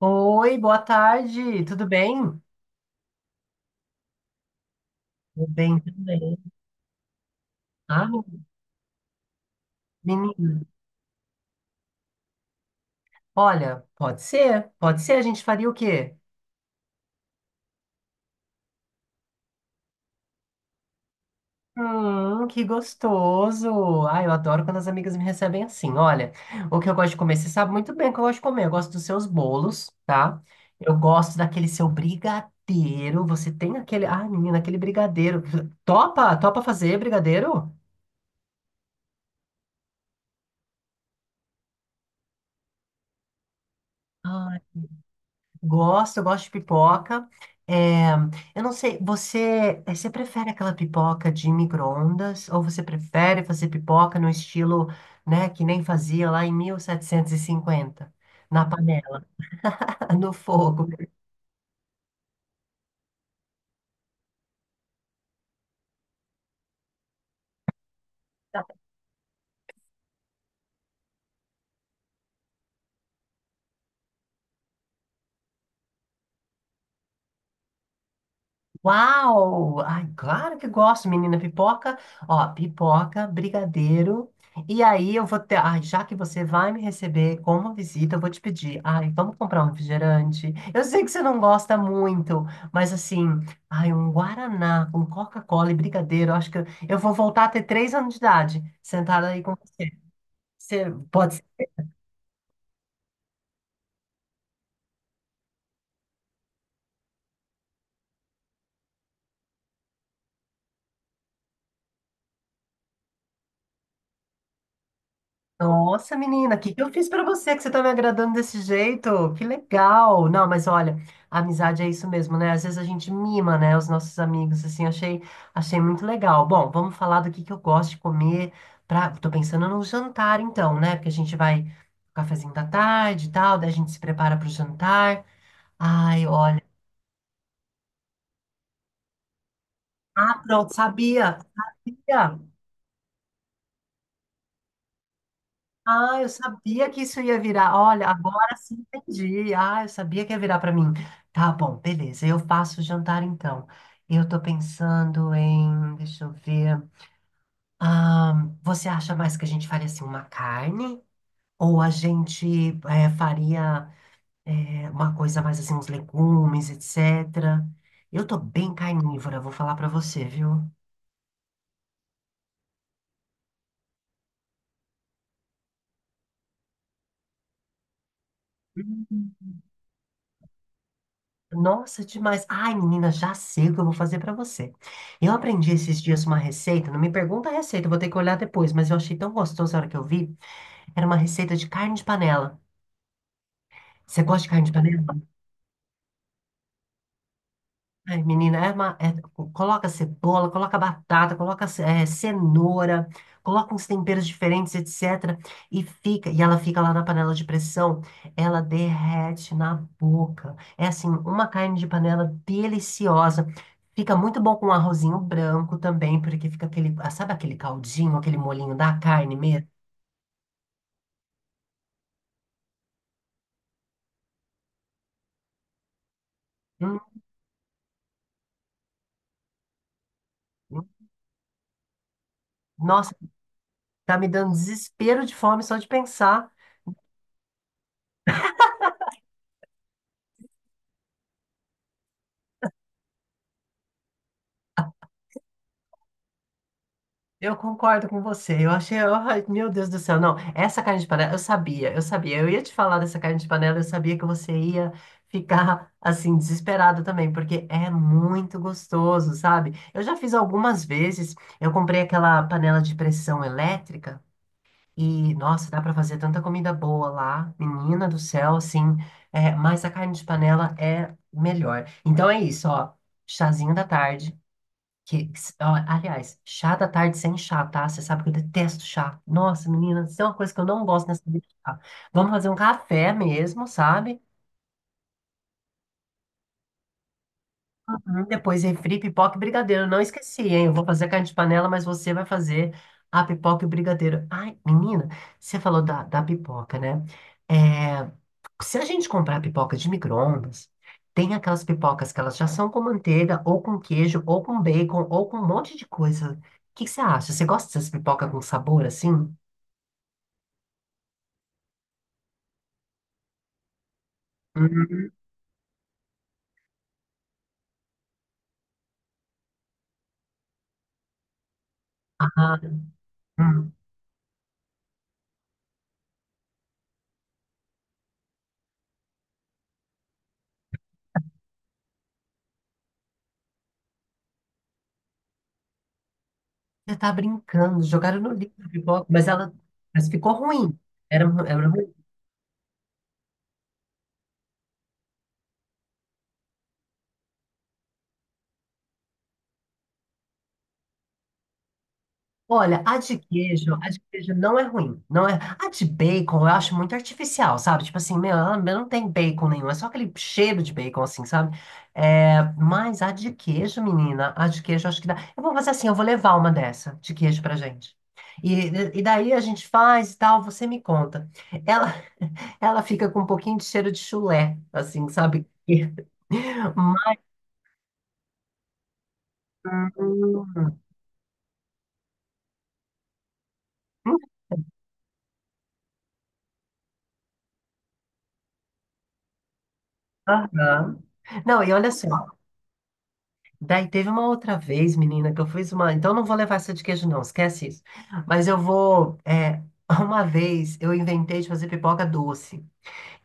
Oi, boa tarde, tudo bem? Tudo bem, tudo bem. Ah, menino, olha, pode ser, a gente faria o quê? Que gostoso! Ai, eu adoro quando as amigas me recebem assim. Olha, o que eu gosto de comer, você sabe muito bem o que eu gosto de comer. Eu gosto dos seus bolos, tá? Eu gosto daquele seu brigadeiro. Você tem aquele. Ai, menina, aquele brigadeiro. Topa? Topa fazer brigadeiro? Gosto, eu gosto de pipoca. É, eu não sei, você prefere aquela pipoca de micro-ondas ou você prefere fazer pipoca no estilo, né, que nem fazia lá em 1750 na panela, no fogo? Uau! Ai, claro que gosto, menina. Pipoca, ó, pipoca, brigadeiro. E aí eu vou ter. Ai, já que você vai me receber como uma visita, eu vou te pedir. Ai, vamos comprar um refrigerante. Eu sei que você não gosta muito, mas assim, ai, um Guaraná com Coca-Cola e brigadeiro. Eu acho que eu vou voltar a ter 3 anos de idade, sentada aí com você. Você pode. Nossa, menina, o que que eu fiz pra você que você tá me agradando desse jeito? Que legal! Não, mas olha, a amizade é isso mesmo, né? Às vezes a gente mima, né, os nossos amigos, assim, achei muito legal. Bom, vamos falar do que eu gosto de comer pra. Tô pensando no jantar, então, né? Porque a gente vai cafezinho da tarde e tal, daí a gente se prepara pro jantar. Ai, olha. Ah, pronto, sabia! Sabia! Ah, eu sabia que isso ia virar. Olha, agora sim entendi. Ah, eu sabia que ia virar para mim. Tá bom, beleza. Eu faço o jantar então. Eu tô pensando em, deixa eu ver. Ah, você acha mais que a gente faria assim uma carne? Ou a gente faria uma coisa mais assim, uns legumes, etc. Eu tô bem carnívora, vou falar para você, viu? Nossa, demais. Ai, menina, já sei o que eu vou fazer pra você. Eu aprendi esses dias uma receita, não me pergunta a receita, eu vou ter que olhar depois, mas eu achei tão gostoso a hora que eu vi. Era uma receita de carne de panela. Você gosta de carne de panela? Ai, menina, coloca cebola, coloca batata, cenoura, coloca uns temperos diferentes, etc. E ela fica lá na panela de pressão, ela derrete na boca. É assim, uma carne de panela deliciosa. Fica muito bom com arrozinho branco também, porque fica aquele, ah, sabe aquele caldinho, aquele molinho da carne mesmo? Hum, hum. Nossa, tá me dando desespero de fome só de pensar. Eu concordo com você. Eu achei, ai, meu Deus do céu, não. Essa carne de panela, eu sabia, eu sabia. Eu ia te falar dessa carne de panela, eu sabia que você ia ficar assim desesperado também, porque é muito gostoso, sabe? Eu já fiz algumas vezes. Eu comprei aquela panela de pressão elétrica e, nossa, dá pra fazer tanta comida boa lá, menina do céu, assim. É, mas a carne de panela é melhor. Então é isso, ó. Chazinho da tarde. Ó, aliás, chá da tarde sem chá, tá? Você sabe que eu detesto chá. Nossa, menina, isso é uma coisa que eu não gosto nessa vida de chá. Vamos fazer um café mesmo, sabe? Depois refri, pipoca e brigadeiro. Não esqueci, hein? Eu vou fazer carne de panela, mas você vai fazer a pipoca e o brigadeiro. Ai, menina, você falou da pipoca, né? É, se a gente comprar pipoca de micro-ondas, tem aquelas pipocas que elas já são com manteiga, ou com queijo, ou com bacon, ou com um monte de coisa. O que que você acha? Você gosta dessas pipoca com sabor assim? Hum, ah, hum. Você tá brincando. Jogaram no lixo a pipoca, mas ela mas ficou ruim. Era, era ruim. Olha, a de queijo não é ruim, não é. A de bacon eu acho muito artificial, sabe? Tipo assim, meu, ela não tem bacon nenhum, é só aquele cheiro de bacon, assim, sabe? É, mas a de queijo, menina, a de queijo eu acho que dá. Eu vou fazer assim, eu vou levar uma dessa de queijo pra gente. E, e daí a gente faz e tal, você me conta. Ela, ela fica com um pouquinho de cheiro de chulé, assim, sabe? Mas. Aham. Não, e olha só. Daí teve uma outra vez, menina, que eu fiz uma. Então não vou levar essa de queijo, não, esquece isso. Mas eu vou. Uma vez eu inventei de fazer pipoca doce.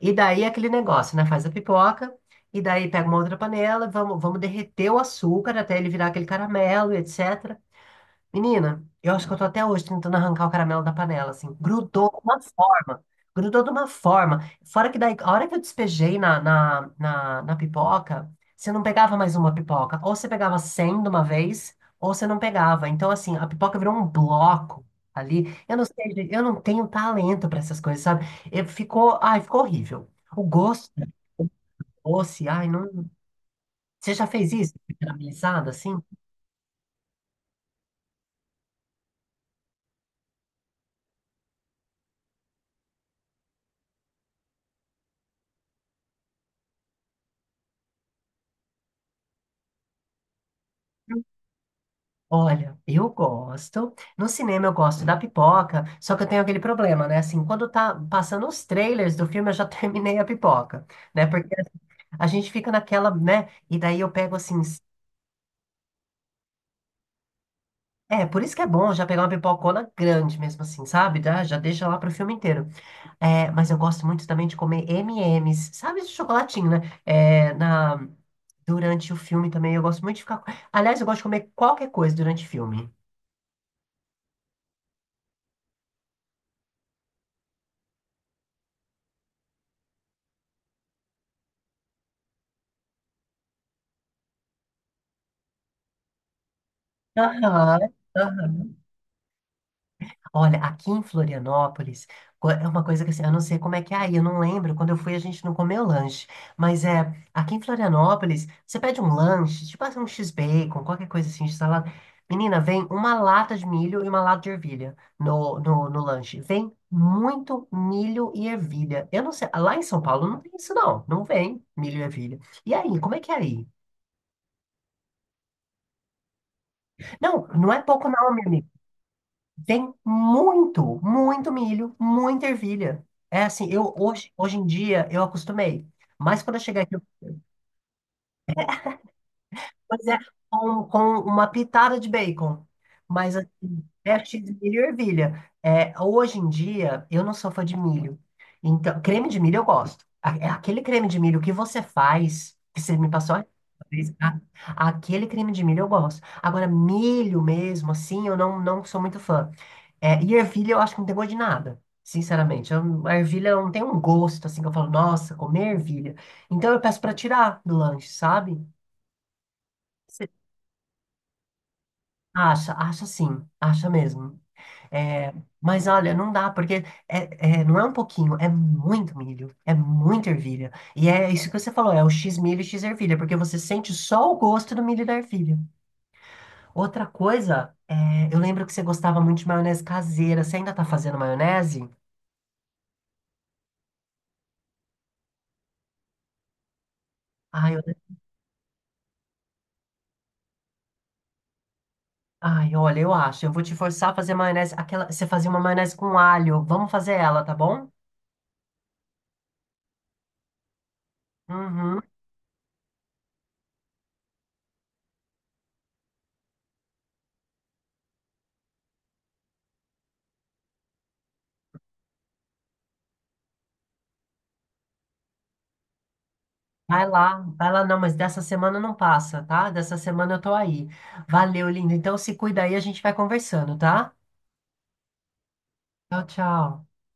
E daí é aquele negócio, né? Faz a pipoca, e daí pega uma outra panela, vamos derreter o açúcar até ele virar aquele caramelo, etc. Menina, eu acho que eu tô até hoje tentando arrancar o caramelo da panela, assim. Grudou de uma forma. Grudou de uma forma. Fora que daí, a hora que eu despejei na pipoca, você não pegava mais uma pipoca. Ou você pegava 100 de uma vez, ou você não pegava. Então, assim, a pipoca virou um bloco ali. Eu não sei, gente, eu não tenho talento pra essas coisas, sabe? E ficou, ai, ficou horrível. O gosto do doce, ai, não. Você já fez isso? Caramelizado, assim? Olha, eu gosto. No cinema eu gosto da pipoca, só que eu tenho aquele problema, né? Assim, quando tá passando os trailers do filme, eu já terminei a pipoca, né? Porque assim, a gente fica naquela, né? E daí eu pego assim. É, por isso que é bom já pegar uma pipocona grande mesmo assim, sabe? Já, já deixa lá pro filme inteiro. É, mas eu gosto muito também de comer M&M's, sabe? Esse chocolatinho, né? É, na, durante o filme também eu gosto muito de ficar. Aliás, eu gosto de comer qualquer coisa durante o filme. Aham, aham. Olha, aqui em Florianópolis, é uma coisa que assim, eu não sei como é que é aí, eu não lembro. Quando eu fui, a gente não comeu lanche. Mas é, aqui em Florianópolis, você pede um lanche, tipo assim, um X-bacon, qualquer coisa assim, salada. Menina, vem uma lata de milho e uma lata de ervilha no lanche. Vem muito milho e ervilha. Eu não sei, lá em São Paulo não tem isso, não. Não vem milho e ervilha. E aí, como é que é aí? Não, não é pouco, não, menina. Tem muito, muito milho, muita ervilha. É assim, eu hoje, hoje em dia eu acostumei. Mas quando eu cheguei aqui, pois é, com uma pitada de bacon. Mas assim, é cheio de milho e ervilha. É, hoje em dia eu não sou fã de milho. Então, creme de milho eu gosto. Aquele creme de milho que você faz, que você me passou vez, a- aquele creme de milho eu gosto. Agora, milho mesmo, assim, eu não, não sou muito fã. É, e ervilha eu acho que não tem gosto de nada, sinceramente. A ervilha não tem um gosto, assim, que eu falo, nossa, comer ervilha. Então eu peço pra tirar do lanche, sabe? Cê Acha, acha sim, acha mesmo. É, mas olha, não dá, porque não é um pouquinho, é muito milho, é muita ervilha. E é isso que você falou, é o X milho e X ervilha, porque você sente só o gosto do milho e da ervilha. Outra coisa, é, eu lembro que você gostava muito de maionese caseira. Você ainda tá fazendo maionese? Ai, ai, olha, eu acho. Eu vou te forçar a fazer maionese. Aquela, você fazia uma maionese com alho. Vamos fazer ela, tá bom? Uhum. Vai lá, não, mas dessa semana não passa, tá? Dessa semana eu tô aí. Valeu, lindo. Então se cuida aí, a gente vai conversando, tá? Tchau, tchau.